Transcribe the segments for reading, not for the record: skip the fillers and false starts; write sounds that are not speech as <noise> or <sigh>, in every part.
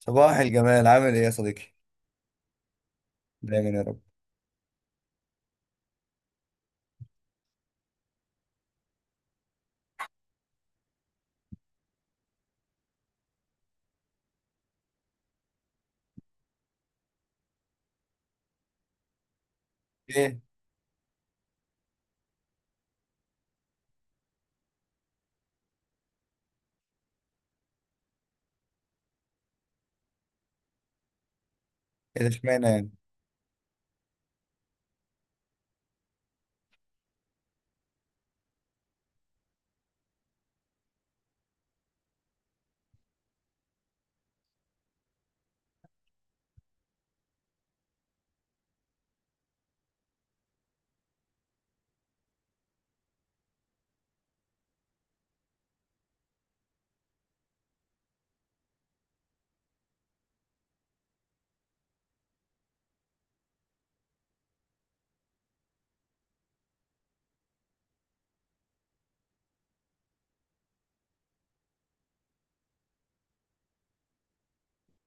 صباح الجمال، عامل ايه يا صديقي؟ دايما يا رب. ايه ايه ده اشمعنى يعني؟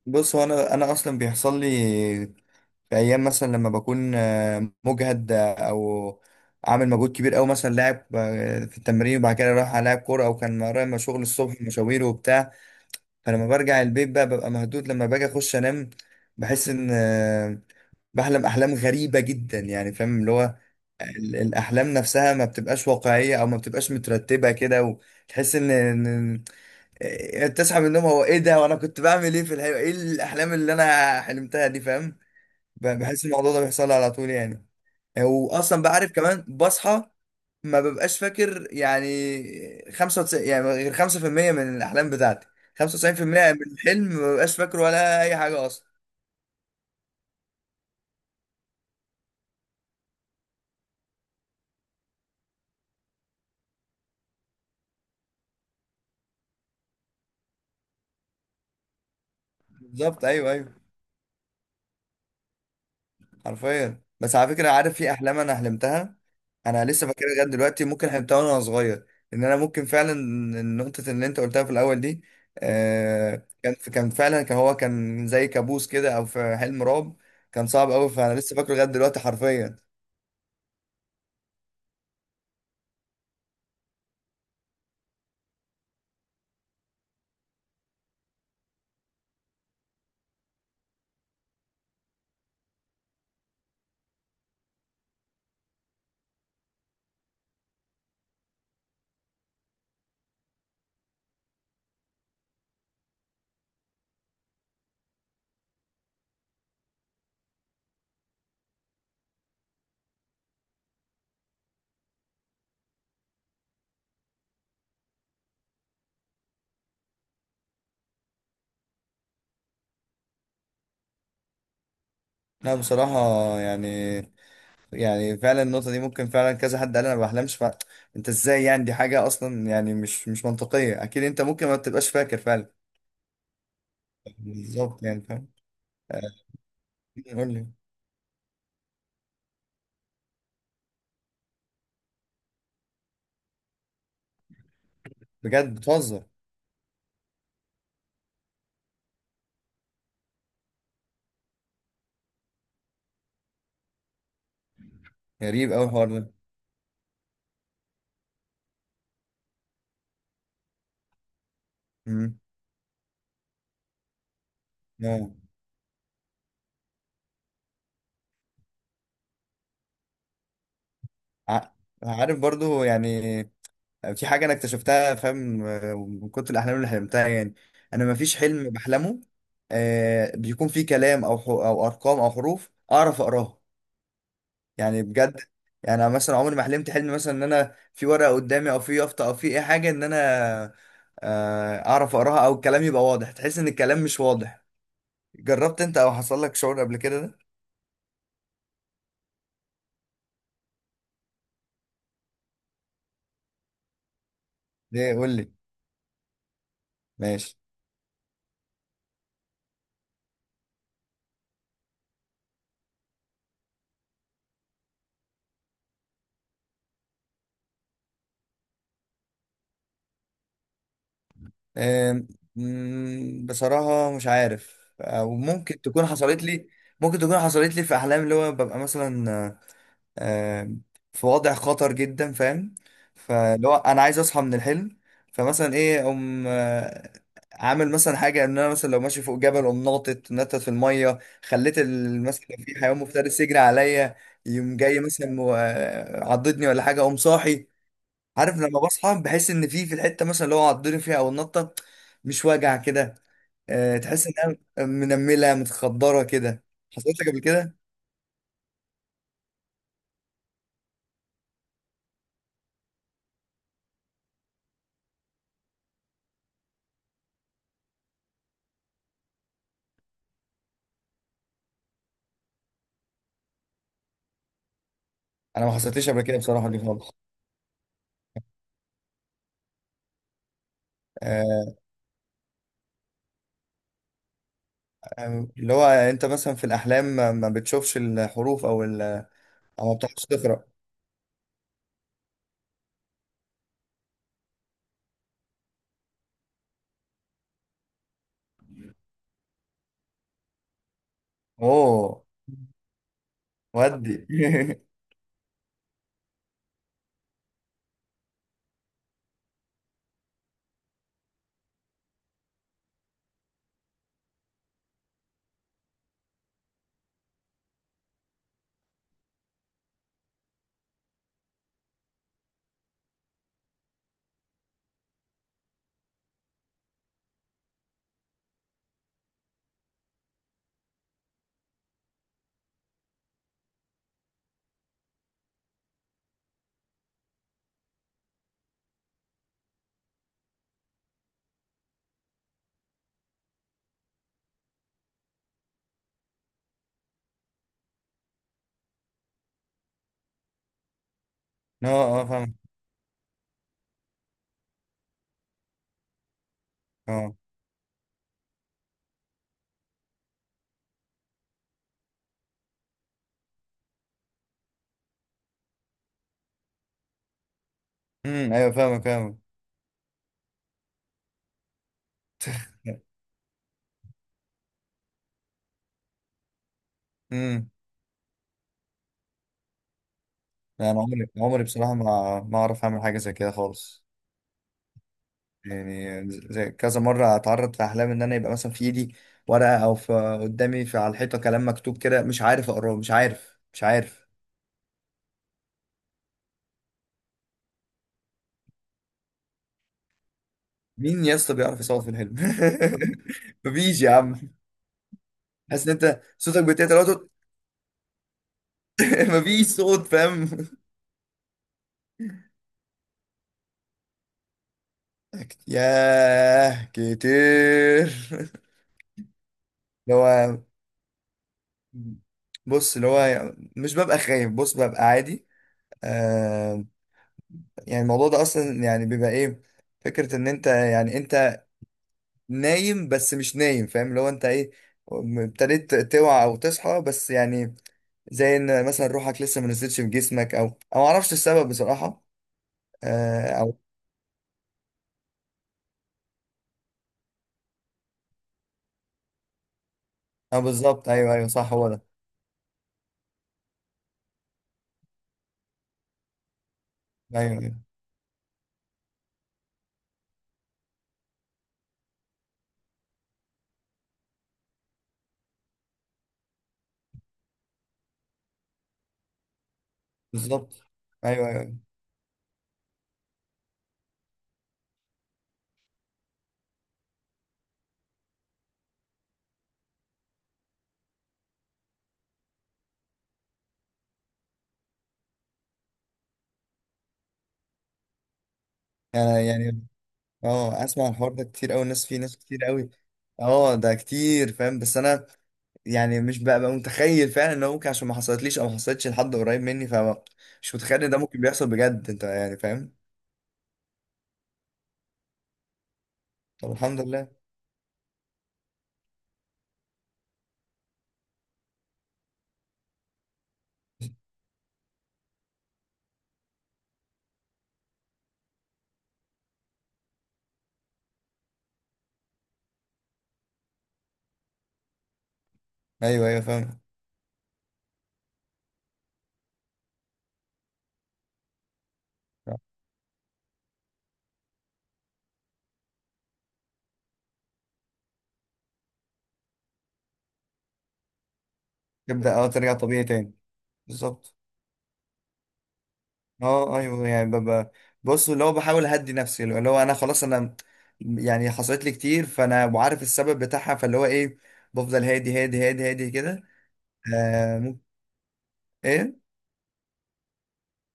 بص، هو انا اصلا بيحصل لي في ايام مثلا لما بكون مجهد، او عامل مجهود كبير قوي، مثلا لاعب في التمرين وبعد كده رايح العب كوره، او كان ورايا ما شغل الصبح، مشاوير وبتاع. فلما برجع البيت بقى ببقى مهدود، لما باجي اخش انام بحس ان بحلم احلام غريبه جدا، يعني فاهم اللي هو الاحلام نفسها ما بتبقاش واقعيه او ما بتبقاش مترتبه كده، وتحس ان تصحى من النوم، هو ايه ده وانا كنت بعمل ايه في الحلم؟ ايه الاحلام اللي انا حلمتها دي؟ فاهم. بحس الموضوع ده بيحصل لي على طول يعني، واصلا بعرف كمان بصحى ما ببقاش فاكر. يعني 95، يعني غير 5% من الاحلام بتاعتي، 95% من الحلم ما ببقاش فاكره ولا اي حاجه اصلا. بالظبط، ايوه ايوه. حرفيا، بس على فكرة، عارف في أحلام أنا حلمتها أنا لسه فاكرها لغاية دلوقتي، ممكن حلمتها وأنا صغير. إن أنا ممكن فعلا، النقطة اللي أنت قلتها في الأول دي، آه، كان كان فعلا كان هو كان زي كابوس كده أو في حلم رعب، كان صعب أوي، فأنا لسه فاكره لغاية دلوقتي حرفيا. لا بصراحة، يعني يعني فعلا النقطة دي، ممكن فعلا كذا حد قال أنا ما بحلمش. ف... أنت إزاي؟ يعني دي حاجة أصلا، يعني مش منطقية. أكيد أنت ممكن ما تبقاش فاكر فعلا. بالظبط يعني فاهم. آه، قول لي. بجد بتهزر؟ غريب قوي الحوار ده. مم. آه. ع- عارف برضو يعني في حاجه انا اكتشفتها، فاهم، من كتر الاحلام اللي حلمتها يعني. انا ما فيش حلم بحلمه آه بيكون فيه كلام، او او ارقام او حروف اعرف اقراها. يعني بجد، يعني انا مثلا عمري ما حلمت حلم، مثلا ان انا في ورقه قدامي او في يافطه او في اي حاجه، ان انا آه اعرف اقراها او الكلام يبقى واضح. تحس ان الكلام مش واضح. جربت انت او حصل لك شعور قبل كده ده؟ ليه؟ قول لي. ماشي. آم، مم، بصراحة مش عارف، أو ممكن تكون حصلت لي. ممكن تكون حصلت لي في أحلام، اللي هو ببقى مثلا آه، آم، في وضع خطر جدا، فاهم. فاللي هو أنا عايز أصحى من الحلم، فمثلا إيه، أقوم عامل مثلا حاجة إن أنا مثلا، لو ماشي فوق جبل أقوم ناطط نطت في المية، خليت مثلا لو في حيوان مفترس يجري عليا، يقوم جاي مثلا عضدني ولا حاجة، أقوم صاحي. عارف لما بصحى بحس ان في الحته مثلا اللي هو عضني فيها او النطه، مش واجع كده. أه، تحس انها منمله متخدره كده. حصلت لك قبل كده؟ انا ما حصلتليش قبل كده بصراحه دي خالص. أه، اللي هو انت مثلا في الاحلام ما بتشوفش الحروف، او او ما بتعرفش تقرا؟ اوه. ودي <laughs> اه اه فاهمك. اه. ايوه، فاهمك. امم. انا عمري بصراحه ما اعرف اعمل حاجه زي كده خالص. يعني زي كذا مرة أتعرض في أحلام، إن أنا يبقى مثلا في إيدي ورقة أو في قدامي في على الحيطة كلام مكتوب كده، مش عارف أقراه، مش عارف. مين يا اسطى بيعرف يصور في الحلم؟ <laughs> مفيش يا عم. حاسس إن أنت صوتك بيتقطع. <laughs> مفيش صوت فاهم. <laughs> ياه، كتير. <laughs> اللي هو، بص، اللي هو مش ببقى خايف. بص، ببقى عادي. آه. يعني الموضوع ده أصلا يعني بيبقى إيه؟ فكرة إن أنت، يعني أنت نايم بس مش نايم، فاهم، اللي هو انت ايه، ابتديت توعى او تصحى بس يعني زي ان مثلا روحك لسه ما نزلتش في جسمك، او معرفش السبب بصراحة. آه، او او بالظبط ايوه ايوه، صح، هو ده. ايوه ايوه بالظبط. ايوه ايوه. يعني اه، اسمع، الحوار ده كتير قوي، ناس، في ناس كتير قوي. اه، ده كتير فاهم، بس انا يعني مش ببقى متخيل فعلا ان هو ممكن، عشان ما حصلتليش او ما حصلتش لحد قريب مني، فمش متخيل ان ده ممكن بيحصل بجد انت يعني فاهم. طب الحمد لله. ايوه ايوه فاهم. تبدا اه ترجع طبيعي تاني. بالظبط. اه ايوه. يعني ببقى، بص، اللي هو بحاول اهدي نفسي، اللي هو انا خلاص انا يعني حصلت لي كتير فانا وعارف السبب بتاعها، فاللي هو ايه، بفضل هادي هادي هادي هادي كده. آه ممكن. ايه.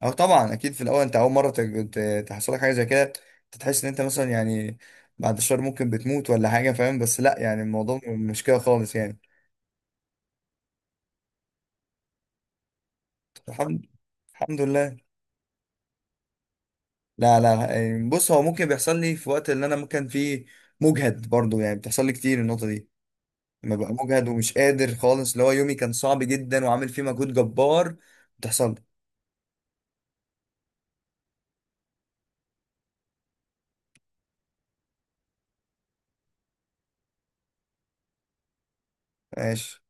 اه طبعا، اكيد في الاول، انت اول مره تحصل لك حاجه زي كده، أنت تحس ان انت مثلا يعني بعد الشهر ممكن بتموت ولا حاجه فاهم، بس لا يعني الموضوع مش كده خالص يعني. الحمد الحمد لله. لا لا لا، يعني بص هو ممكن بيحصل لي في وقت اللي انا ممكن فيه مجهد برضو، يعني بتحصل لي كتير النقطة دي، لما ببقى مجهد ومش قادر خالص، اللي هو يومي كان صعب جدا وعامل فيه مجهود جبار، بتحصل لي. ماشي.